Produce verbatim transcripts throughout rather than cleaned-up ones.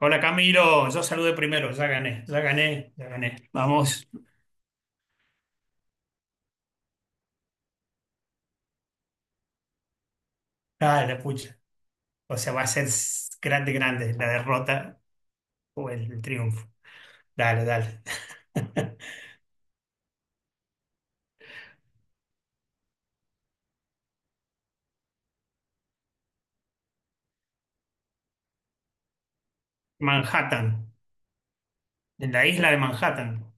Hola Camilo, yo saludé primero, ya gané, ya gané, ya gané. Vamos. Ah, la pucha. O sea, va a ser grande, grande la derrota o el triunfo. Dale, dale. Manhattan, en la isla de Manhattan.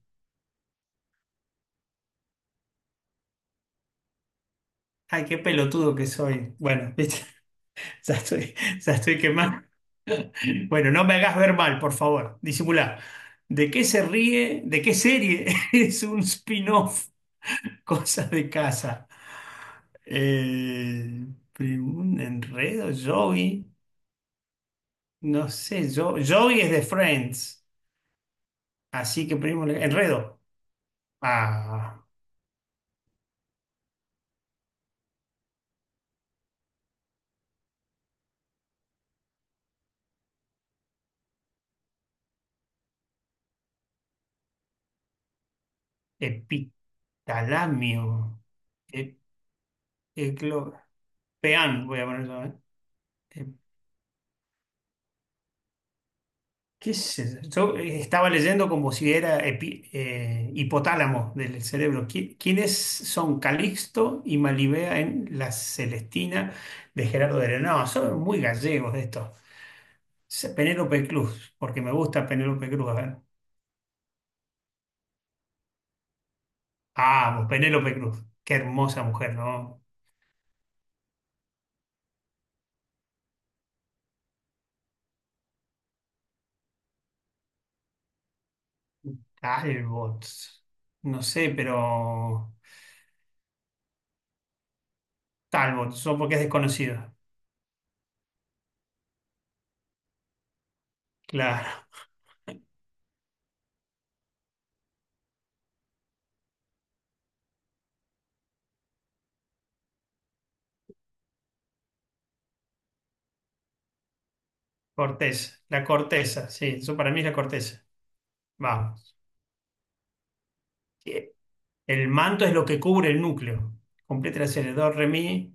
Ay, qué pelotudo que soy. Bueno, viste, ya estoy, ya estoy quemado. Bueno, no me hagas ver mal, por favor. Disimulá. ¿De qué se ríe? ¿De qué serie es un spin-off? Cosas de casa. Eh, pri- un enredo, Joey. No sé, yo, Joey es de Friends. Así que primo, le- enredo. Ah, epitalamio. E- eclo- Peán, voy a poner yo, ¿eh? Eh, ¿Qué es, yo? Yo, eh, estaba leyendo como si era epi- eh, hipotálamo del cerebro. ¿Qui- ¿Quiénes son Calixto y Malibea en La Celestina de Gerardo Heredia? No, son muy gallegos estos. Se- Penélope Cruz, porque me gusta Penélope Cruz. A ver. Ah, Penélope Cruz. Qué hermosa mujer, ¿no? Talbot. No sé, pero. Talbot, solo porque es desconocido. Claro. Corteza. La corteza, sí. Eso para mí es la corteza. Vamos. Que El manto es lo que cubre el núcleo. Complete el do, re, mi.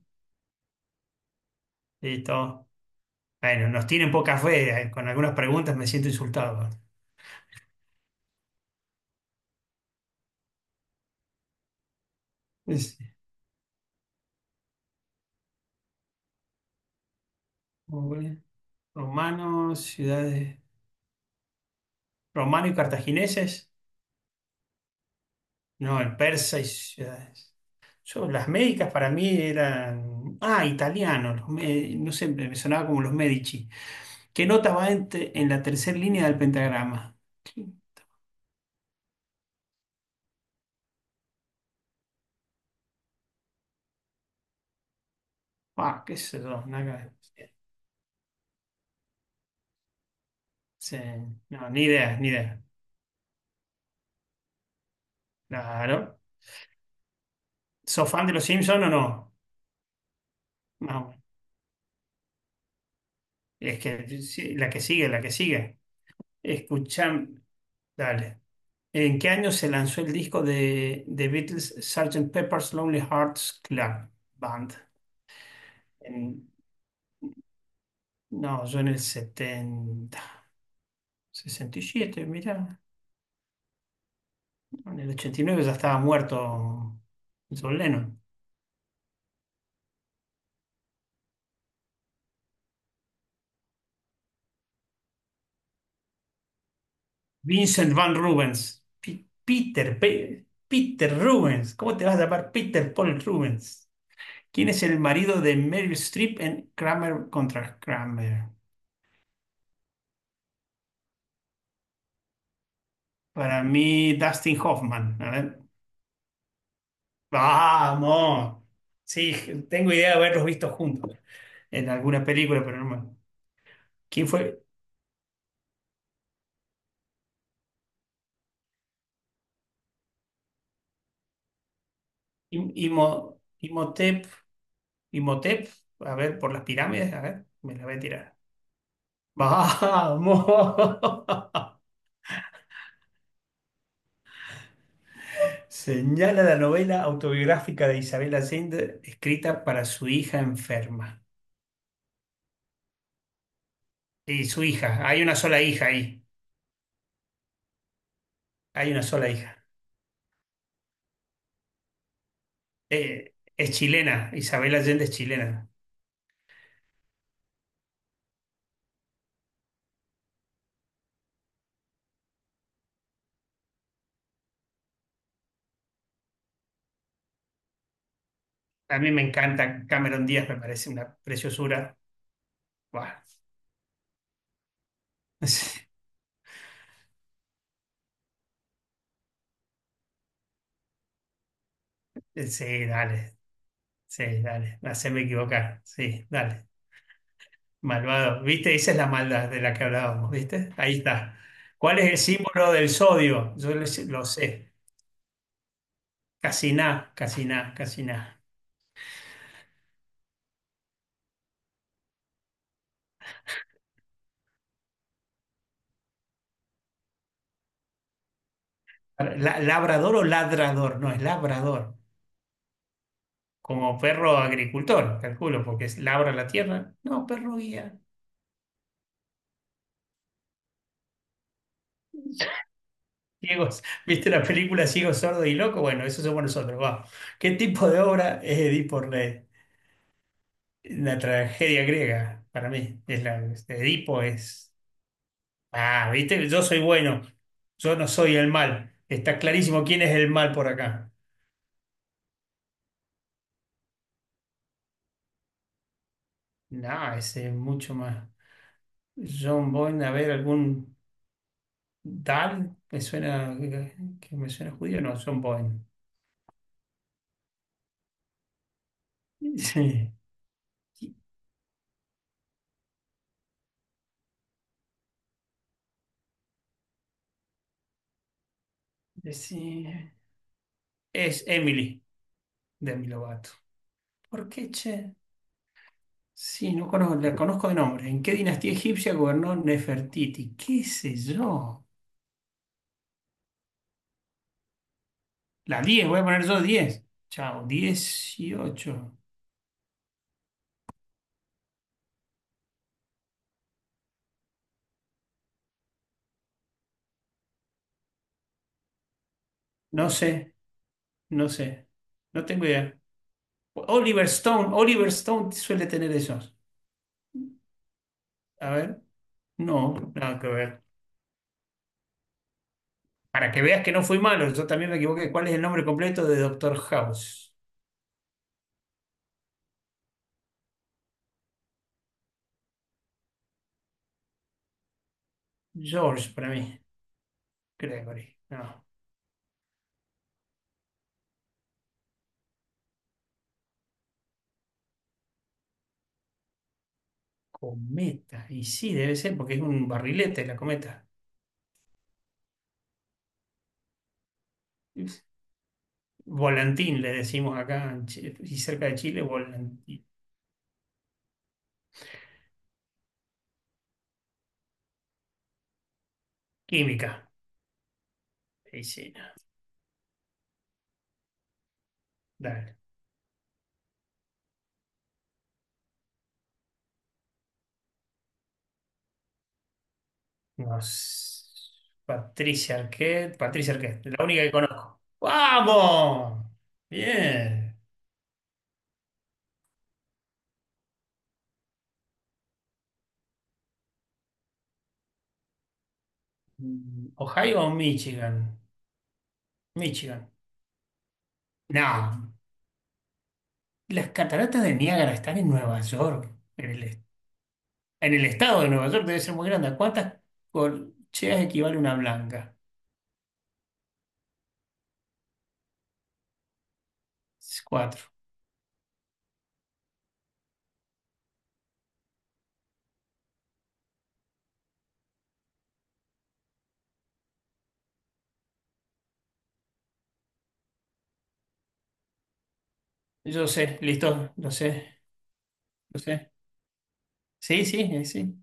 Listo. Bueno, nos tienen poca fe. eh, Con algunas preguntas me siento insultado. Sí. Muy bien. Romanos, ciudades. Romanos y cartagineses. No, el persa y ciudades. Yo, las médicas para mí eran. Ah, italianos, los me- no sé, me sonaba como los Medici. ¿Qué nota va en, en la tercera línea del pentagrama? Sí. Ah, qué sé yo. Nada que- Sí, no, ni idea, ni idea. Claro. ¿Sos fan de los Simpsons o no? No. Bueno. Es que sí, la que sigue, la que sigue. Escuchan. Dale. ¿En qué año se lanzó el disco de The Beatles, sergeant Pepper's Lonely Hearts Club Band? En- no, yo en el setenta sesenta y siete mirá, no, en el ochenta y nueve ya estaba muerto John Lennon. Vincent Van Rubens, Pi- Peter, Pe- Peter Rubens, ¿cómo te vas a llamar Peter Paul Rubens? ¿Quién es el marido de Meryl Streep en Kramer contra Kramer? Para mí, Dustin Hoffman. A ver. Vamos. Sí, tengo idea de haberlos visto juntos en alguna película, pero no me... ¿Quién fue? Im- Imo- Imhotep, Imhotep, a ver, por las pirámides, a ver, me la voy a tirar. ¡Vamos! Señala la novela autobiográfica de Isabel Allende, escrita para su hija enferma. Y su hija, hay una sola hija ahí, hay una sola hija. Eh, es chilena, Isabel Allende es chilena. A mí me encanta Cameron Díaz, me parece una preciosura. Buah. Sí, dale, sí, dale, haceme equivocar, sí, dale. Malvado, ¿viste? Esa es la maldad de la que hablábamos, ¿viste? Ahí está. ¿Cuál es el símbolo del sodio? Yo lo sé. Lo sé. Casiná, casiná, casiná. La- ¿Labrador o ladrador? No, es labrador. Como perro agricultor, calculo, porque es- labra la tierra. No, perro guía. Ciegos. ¿Viste la película Ciego, Sordo y Loco? Bueno, eso somos nosotros. Va. ¿Qué tipo de obra es Edipo Rey? La tragedia griega, para mí. Es la, este, Edipo es. Ah, viste, yo soy bueno, yo no soy el mal. Está clarísimo quién es el mal por acá. No, ese es mucho más. John Boyne, a ver, algún Dal, me suena, que me suena judío, no, John Boyne. Sí. Sí. Es Emily de Demi Lovato. ¿Por qué, che? Sí, no conozco, la conozco de nombre. ¿En qué dinastía egipcia gobernó Nefertiti? ¿Qué sé yo? La diez, voy a poner yo diez. Chao, dieciocho. No sé. No sé, no tengo idea. Oliver Stone, Oliver Stone suele tener esos. A ver, no, nada que ver. Para que veas que no fui malo, yo también me equivoqué. ¿Cuál es el nombre completo de Doctor House? George, para mí. Gregory, no. Cometa, y sí, debe ser, porque es un barrilete la cometa. Es- Volantín, le decimos acá, en Chi- y cerca de Chile, volantín. Química, y sí, no, dale. No s- Patricia Arquette. Patricia Arquette, la única que conozco. ¡Vamos! Bien. Mm, ¿Ohio o Michigan? Michigan. No. Las cataratas de Niágara están en Nueva York. En el, est- en el estado de Nueva York debe ser muy grande. ¿A ¿Cuántas corcheas equivale una blanca? Cuatro. Yo sé, listo, lo sé, lo sé. Sí, sí, eh, sí.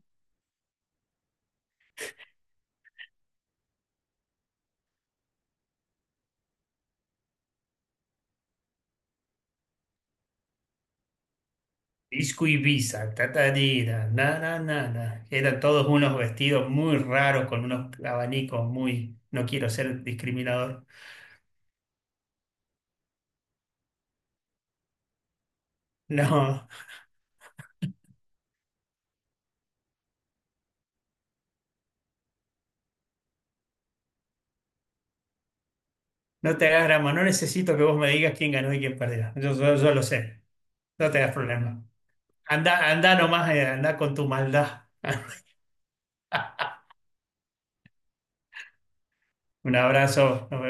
Disco Ibiza, tatarina, na, na, na, na. Eran todos unos vestidos muy raros con unos abanicos muy. No quiero ser discriminador. No, no te hagas drama. No necesito que vos me digas quién ganó y quién perdió. Yo, yo- yo lo sé. No te hagas problema. Anda, anda nomás, eh, anda con tu maldad. Un abrazo.